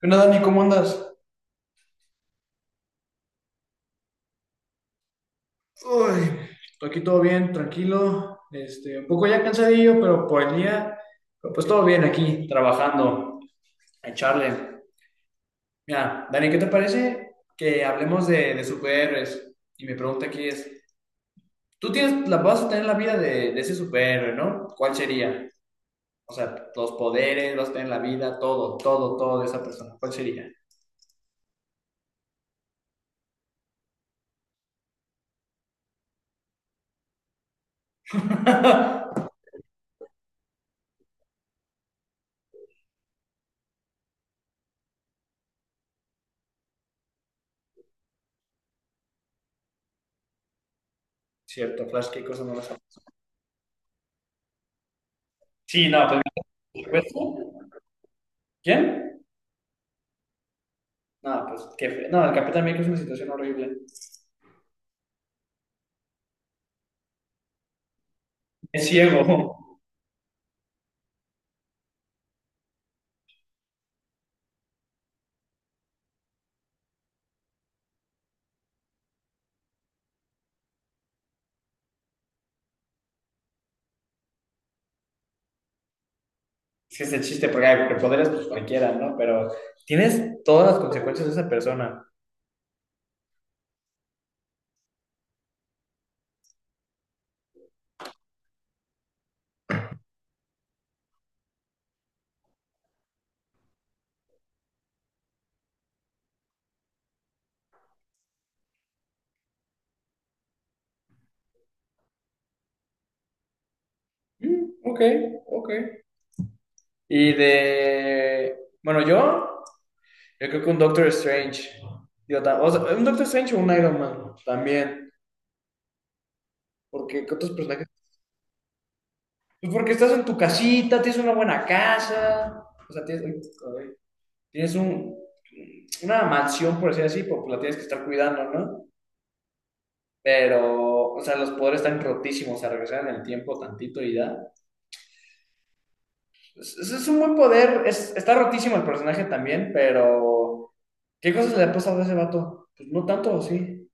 ¿Qué onda, Dani? ¿Cómo andas? Uy, aquí todo bien, tranquilo, un poco ya cansadillo, pero por el día, pero pues todo bien aquí, trabajando, en charle. Mira, Dani, ¿qué te parece que hablemos de superhéroes? Y mi pregunta aquí es, vas a tener la vida de ese superhéroe, ¿no? ¿Cuál sería? O sea, los poderes, vas a tener la vida, todo de esa persona. ¿Cuál sería? Cierto, Flash, qué cosa no lo sabes. Sí, no, pues por supuesto. ¿Quién? No, pues no, el Capitán América es una situación horrible. Es ciego. Es que es el chiste, porque, ay, porque poderes, pues cualquiera, ¿no? Pero tienes todas las consecuencias de esa persona. Mm, ok, ok. Y de. Bueno, yo. Yo creo que un Doctor Strange. Digo, o sea, un Doctor Strange o un Iron Man también. Porque, ¿qué otros personajes? Pues porque estás en tu casita, tienes una buena casa. O sea, tienes. Uy, ay, Tienes un. Una mansión, por decir así, porque la tienes que estar cuidando, ¿no? Pero, o sea, los poderes están rotísimos, o sea, regresar en el tiempo tantito y da. Un buen poder, está rotísimo el personaje también, pero ¿qué cosas le ha pasado a ese vato? Pues no tanto, sí.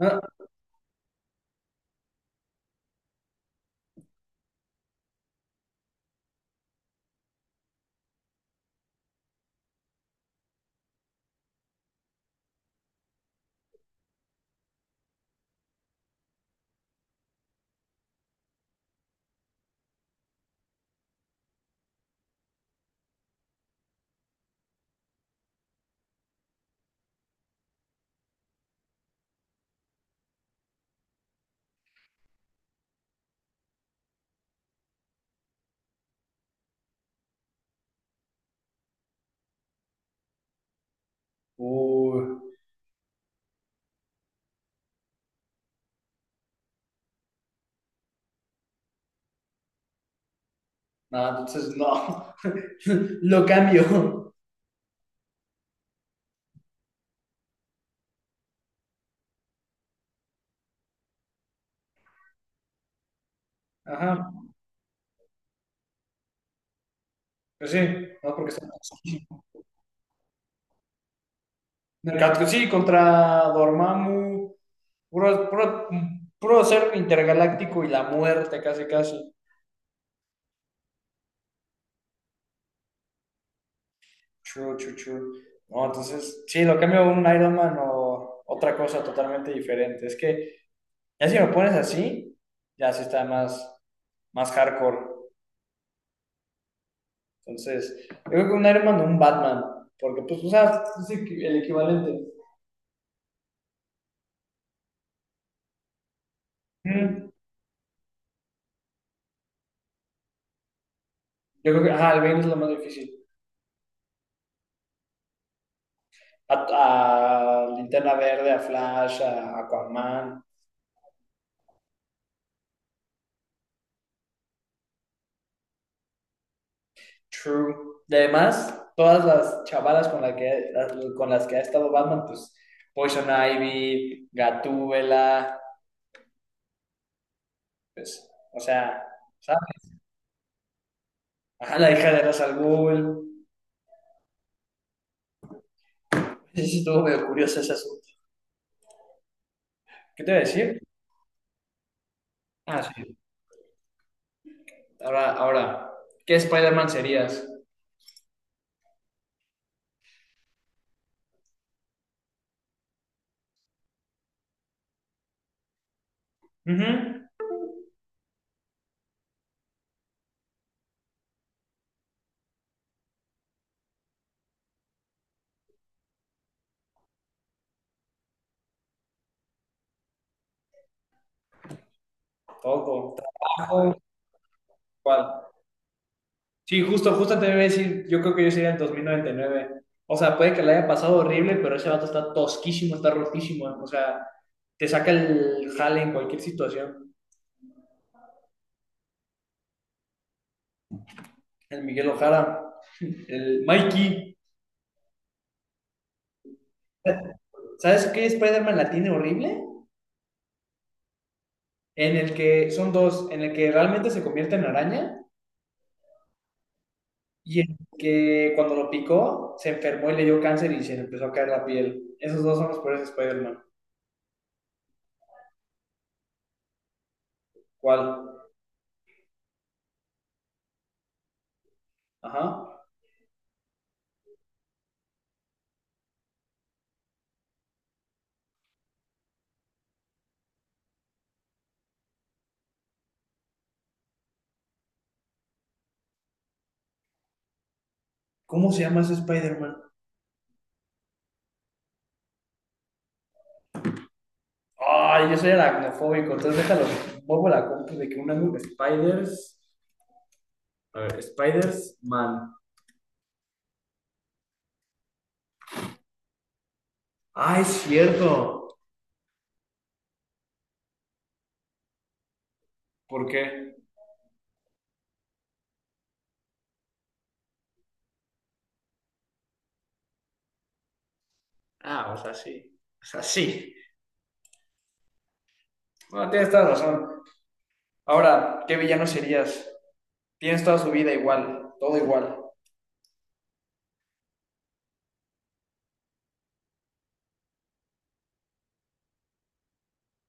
Ah, uy, no, entonces no. Lo cambio. Ajá, pues sí, no porque está rotísimo. Sí, contra Dormammu, puro, puro, puro ser intergaláctico y la muerte casi casi. True, true, true. No, entonces, sí, lo cambio a un Iron Man o otra cosa totalmente diferente. Es que ya si lo pones así, ya sí está más, más hardcore. Entonces, yo creo que un Iron Man o un Batman, porque pues, o sea, el equivalente. Mm, yo creo que, ajá, el Bane es lo más difícil. A Linterna Verde, a Flash, a Aquaman. True. Y además, todas las chavalas con las que ha estado Batman, pues Poison Ivy, Gatúbela, pues, o sea, ¿sabes? Ajá, la hija de Ra's al Ghul. Sí, sí, estuvo medio curioso ese asunto. ¿Qué te voy a decir? Ah, sí. Ahora, ¿qué Spider-Man serías? Ujú. Todo. Trabajo. ¿Cuál? Sí, justo te iba a decir, yo creo que yo sería el 2099. O sea, puede que le haya pasado horrible, pero ese vato está tosquísimo, está rotísimo. O sea, te saca el jale en cualquier situación. El Miguel Ojara, el Mikey. ¿Sabes qué Spider-Man la tiene horrible? En el que son dos, en el que realmente se convierte en araña y en el que cuando lo picó se enfermó y le dio cáncer y se le empezó a caer la piel. Esos dos son los peores Spider-Man. ¿Cuál? Ajá. ¿Cómo se llama ese Spider-Man? Ay, yo soy aracnofóbico, entonces déjalo. Pongo la compu de que Spiders. A ver, Spiders Man. Ah, es cierto. ¿Por qué? Ah, o sea, sí. O sea, sí. Bueno, tienes toda la razón. Ahora, ¿qué villano serías? Tienes toda su vida igual, todo igual.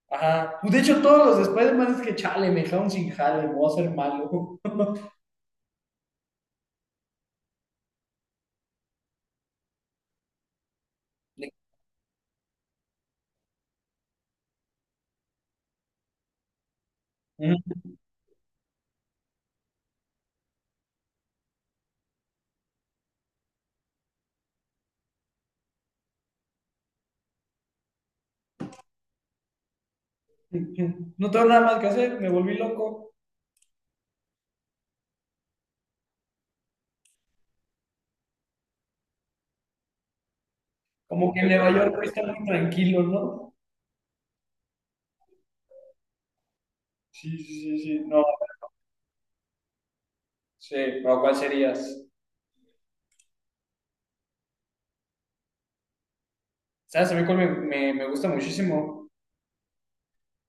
Ajá. Pues, de hecho, todos los de Spider-Man es que chale, me dejaron sin jale, me voy a hacer malo. No tengo nada más que hacer, me volví loco. Como que en Nueva York está muy tranquilo, ¿no? Sí, sí, sí, sí. No, sí, pero ¿cuál serías? ¿Sabes? A mí cuál me gusta muchísimo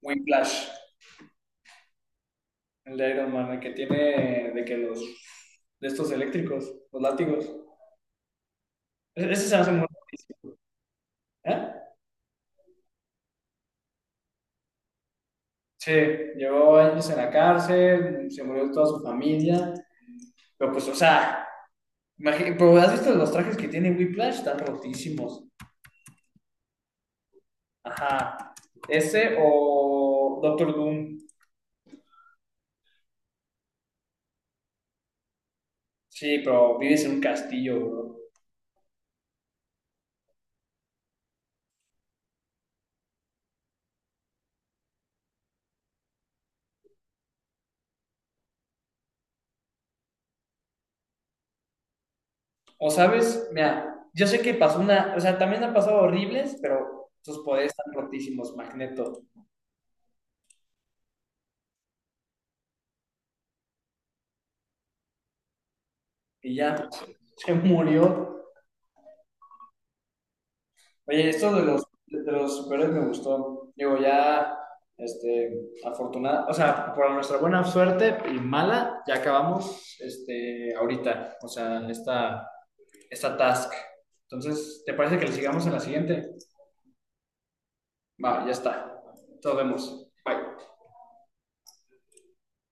Whiplash, el de Iron Man, el que tiene de que de estos eléctricos, los látigos. Ese se hace muy difícil, ¿eh? Sí, llevó años en la cárcel, se murió toda su familia, pero pues, o sea, pero ¿has visto los trajes que tiene Whiplash? Están rotísimos. Ajá. Ese o Doctor Doom. Sí, pero vives en un castillo, bro. O sabes, mira, yo sé que pasó una, o sea, también han pasado horribles, pero sus poderes están rotísimos, Magneto. Y ya, se murió. Oye, esto de de los superhéroes me gustó. Digo, ya, afortunada, o sea, por nuestra buena suerte y mala, ya acabamos, ahorita, o sea, esta task. Entonces, ¿te parece que le sigamos en la siguiente? Va, ya está. Nos vemos. Bye.